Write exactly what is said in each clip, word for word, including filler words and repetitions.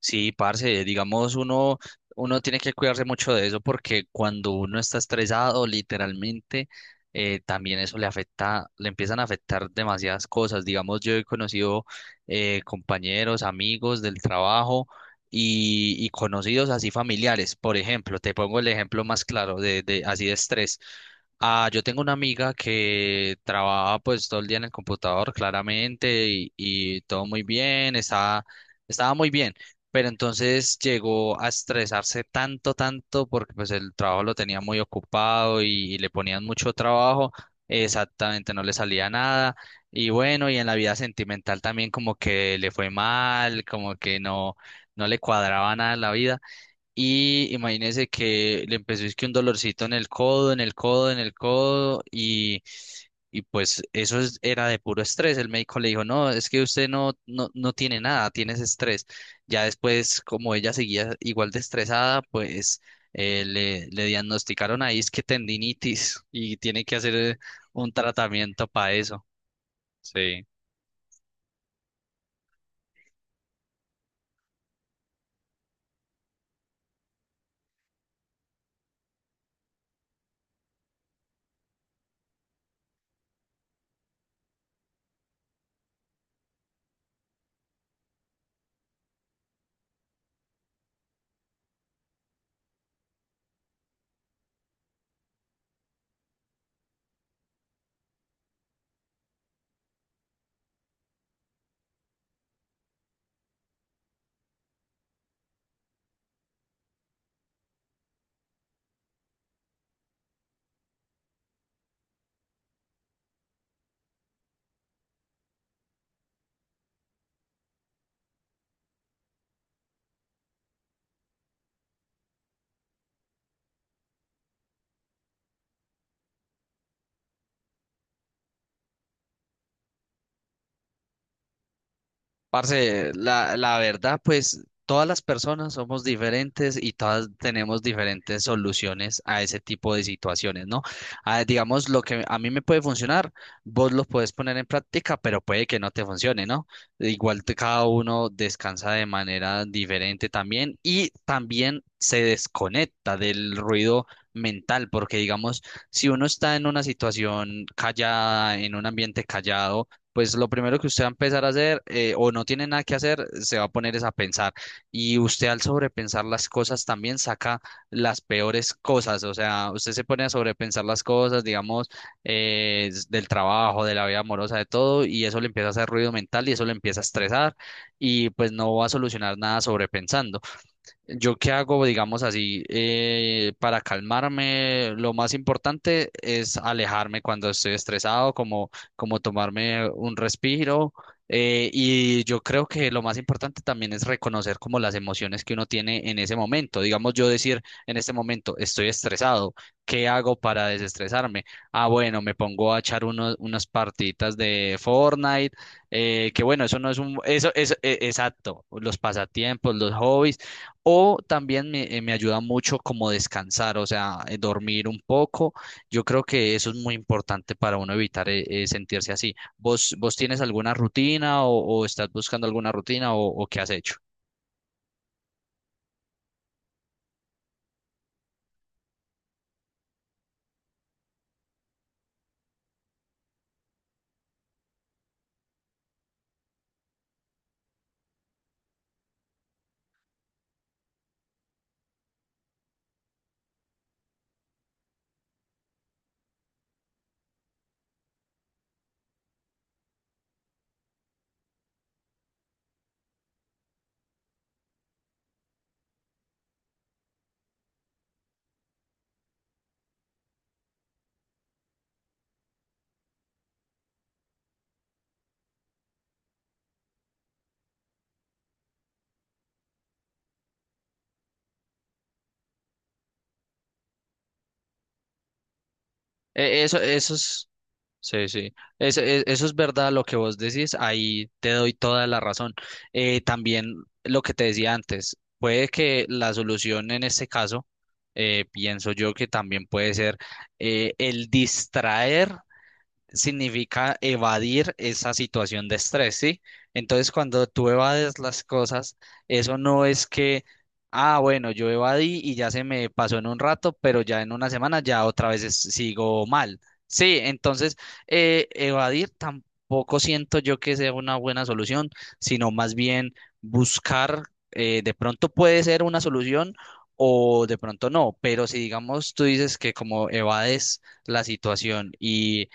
Sí, parce, digamos, uno, uno tiene que cuidarse mucho de eso porque cuando uno está estresado, literalmente, eh, también eso le afecta, le empiezan a afectar demasiadas cosas. Digamos, yo he conocido eh, compañeros, amigos del trabajo y, y conocidos así familiares. Por ejemplo, te pongo el ejemplo más claro de, de así de estrés. Ah, yo tengo una amiga que trabaja pues todo el día en el computador, claramente, y, y todo muy bien, está, estaba muy bien, pero entonces llegó a estresarse tanto, tanto, porque pues el trabajo lo tenía muy ocupado y, y le ponían mucho trabajo, exactamente no le salía nada. Y bueno, y en la vida sentimental también como que le fue mal, como que no, no le cuadraba nada en la vida. Y imagínese que le empezó es que un dolorcito en el codo, en el codo, en el codo, y, y pues eso es- era de puro estrés. El médico le dijo, no, es que usted no, no, no tiene nada, tienes estrés. Ya después, como ella seguía igual de estresada, pues eh, le, le diagnosticaron ahí es que tendinitis y tiene que hacer eh, un tratamiento para eso. Sí. Parce, la, la verdad, pues todas las personas somos diferentes y todas tenemos diferentes soluciones a ese tipo de situaciones, ¿no? Ah, digamos, lo que a mí me puede funcionar, vos lo puedes poner en práctica, pero puede que no te funcione, ¿no? Igual te- cada uno descansa de manera diferente también y también se desconecta del ruido mental, porque digamos, si uno está en una situación callada, en un ambiente callado, pues lo primero que usted va a empezar a hacer, eh, o no tiene nada que hacer, se va a poner es a pensar. Y usted al sobrepensar las cosas también saca las peores cosas, o sea, usted se pone a sobrepensar las cosas, digamos, eh, s- del trabajo, de la vida amorosa, de todo, y eso le empieza a hacer ruido mental y eso le empieza a estresar y pues no va a solucionar nada sobrepensando. Yo qué hago, digamos así, eh, para calmarme, lo más importante es alejarme cuando estoy estresado, como, como tomarme un respiro. Eh, y yo creo que lo más importante también es reconocer como las emociones que uno tiene en ese momento. Digamos, yo decir en este momento estoy estresado, ¿qué hago para desestresarme? Ah, bueno, me pongo a echar unos, unas partiditas de Fortnite, eh, que bueno, eso no es un, eso, eso, e- exacto, los pasatiempos, los hobbies, o también me, eh, me ayuda mucho como descansar, o sea, eh, dormir un poco. Yo creo que eso es muy importante para uno evitar eh, eh, sentirse así. ¿Vos, vos tienes alguna rutina o, o estás buscando alguna rutina o, o qué has hecho? Eh, eso, eso es, sí, sí. Eso, e- eso es verdad lo que vos decís. Ahí te doy toda la razón. Eh, también lo que te decía antes, puede que la solución en este caso, eh, pienso yo que también puede ser, eh, el distraer significa evadir esa situación de estrés, ¿sí? Entonces, cuando tú evades las cosas, eso no es que, ah, bueno, yo evadí y ya se me pasó en un rato, pero ya en una semana ya otra vez es- sigo mal. Sí, entonces, eh, evadir tampoco siento yo que sea una buena solución, sino más bien buscar, eh, de pronto puede ser una solución. O de pronto no, pero si digamos tú dices que como evades la situación y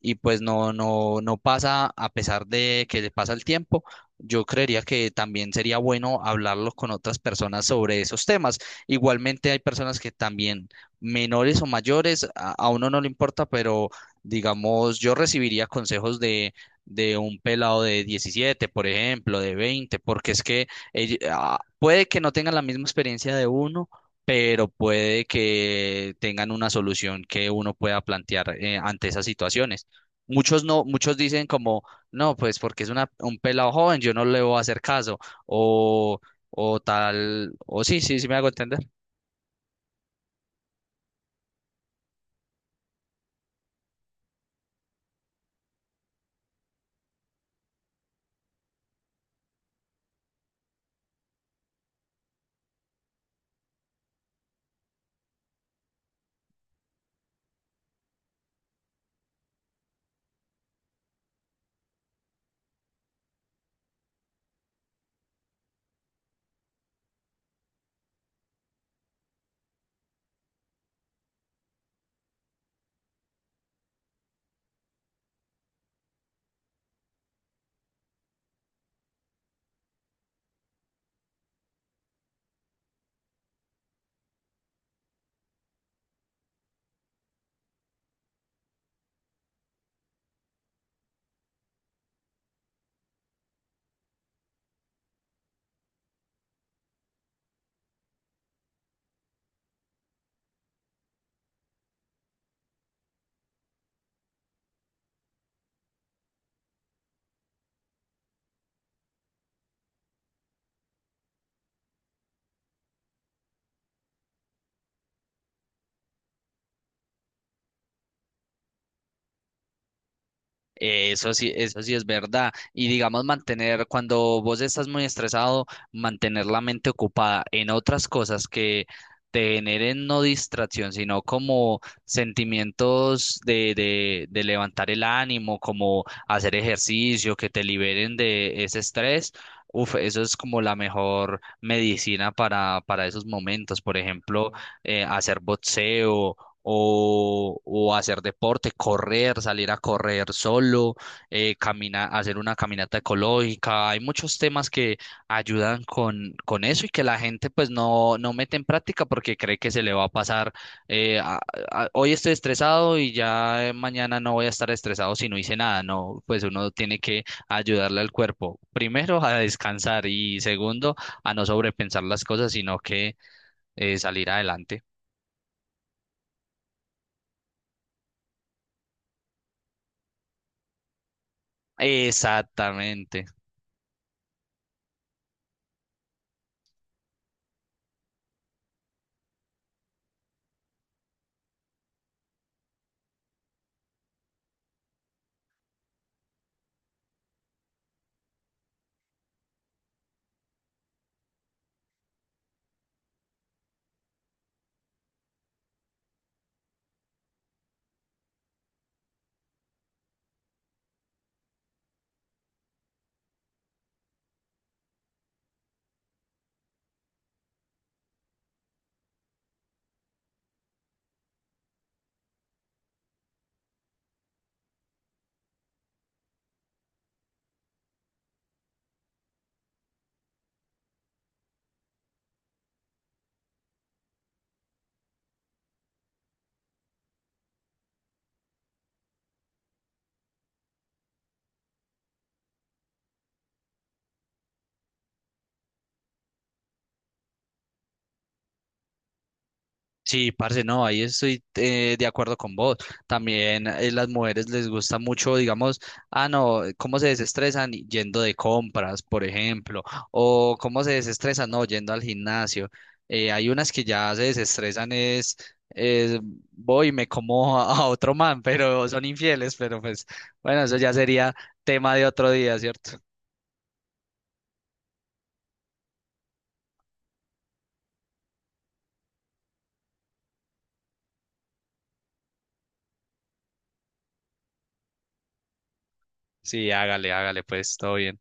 y pues no, no, no pasa a pesar de que le pasa el tiempo. Yo creería que también sería bueno hablarlo con otras personas sobre esos temas. Igualmente hay personas que también, menores o mayores, a, a uno no le importa, pero digamos, yo recibiría consejos de, de un pelado de diecisiete, por ejemplo, de veinte, porque es que ell- ah, puede que no tengan la misma experiencia de uno, pero puede que tengan una solución que uno pueda plantear eh, ante esas situaciones. Muchos no, muchos dicen como, no, pues porque es una, un pelado joven, yo no le voy a hacer caso, o, o tal, o sí, sí, sí me hago entender. Eh, Eso sí, eso sí es verdad. Y digamos, mantener, cuando vos estás muy estresado, mantener la mente ocupada en otras cosas que te generen no distracción, sino como sentimientos de, de, de levantar el ánimo, como hacer ejercicio, que te liberen de ese estrés. Uf, eso es como la mejor medicina para, para esos momentos. Por ejemplo, eh, hacer boxeo o, o hacer deporte, correr, salir a correr solo, eh, camina- hacer una caminata ecológica. Hay muchos temas que ayudan con, con eso y que la gente pues no, no mete en práctica porque cree que se le va a pasar, eh, a- a- hoy estoy estresado y ya, eh, mañana no voy a estar estresado si no hice nada. No, pues uno tiene que ayudarle al cuerpo, primero a descansar y segundo a no sobrepensar las cosas, sino que eh, salir adelante. Exactamente. Sí, parce, no, ahí estoy eh, de acuerdo con vos. También eh, las mujeres les gusta mucho, digamos, ah, no, cómo se desestresan yendo de compras, por ejemplo, o cómo se desestresan, no, yendo al gimnasio. Eh, hay unas que ya se desestresan, es, es voy y me como a, a otro man, pero son infieles, pero pues, bueno, eso ya sería tema de otro día, ¿cierto? Sí, hágale, hágale, pues, todo bien.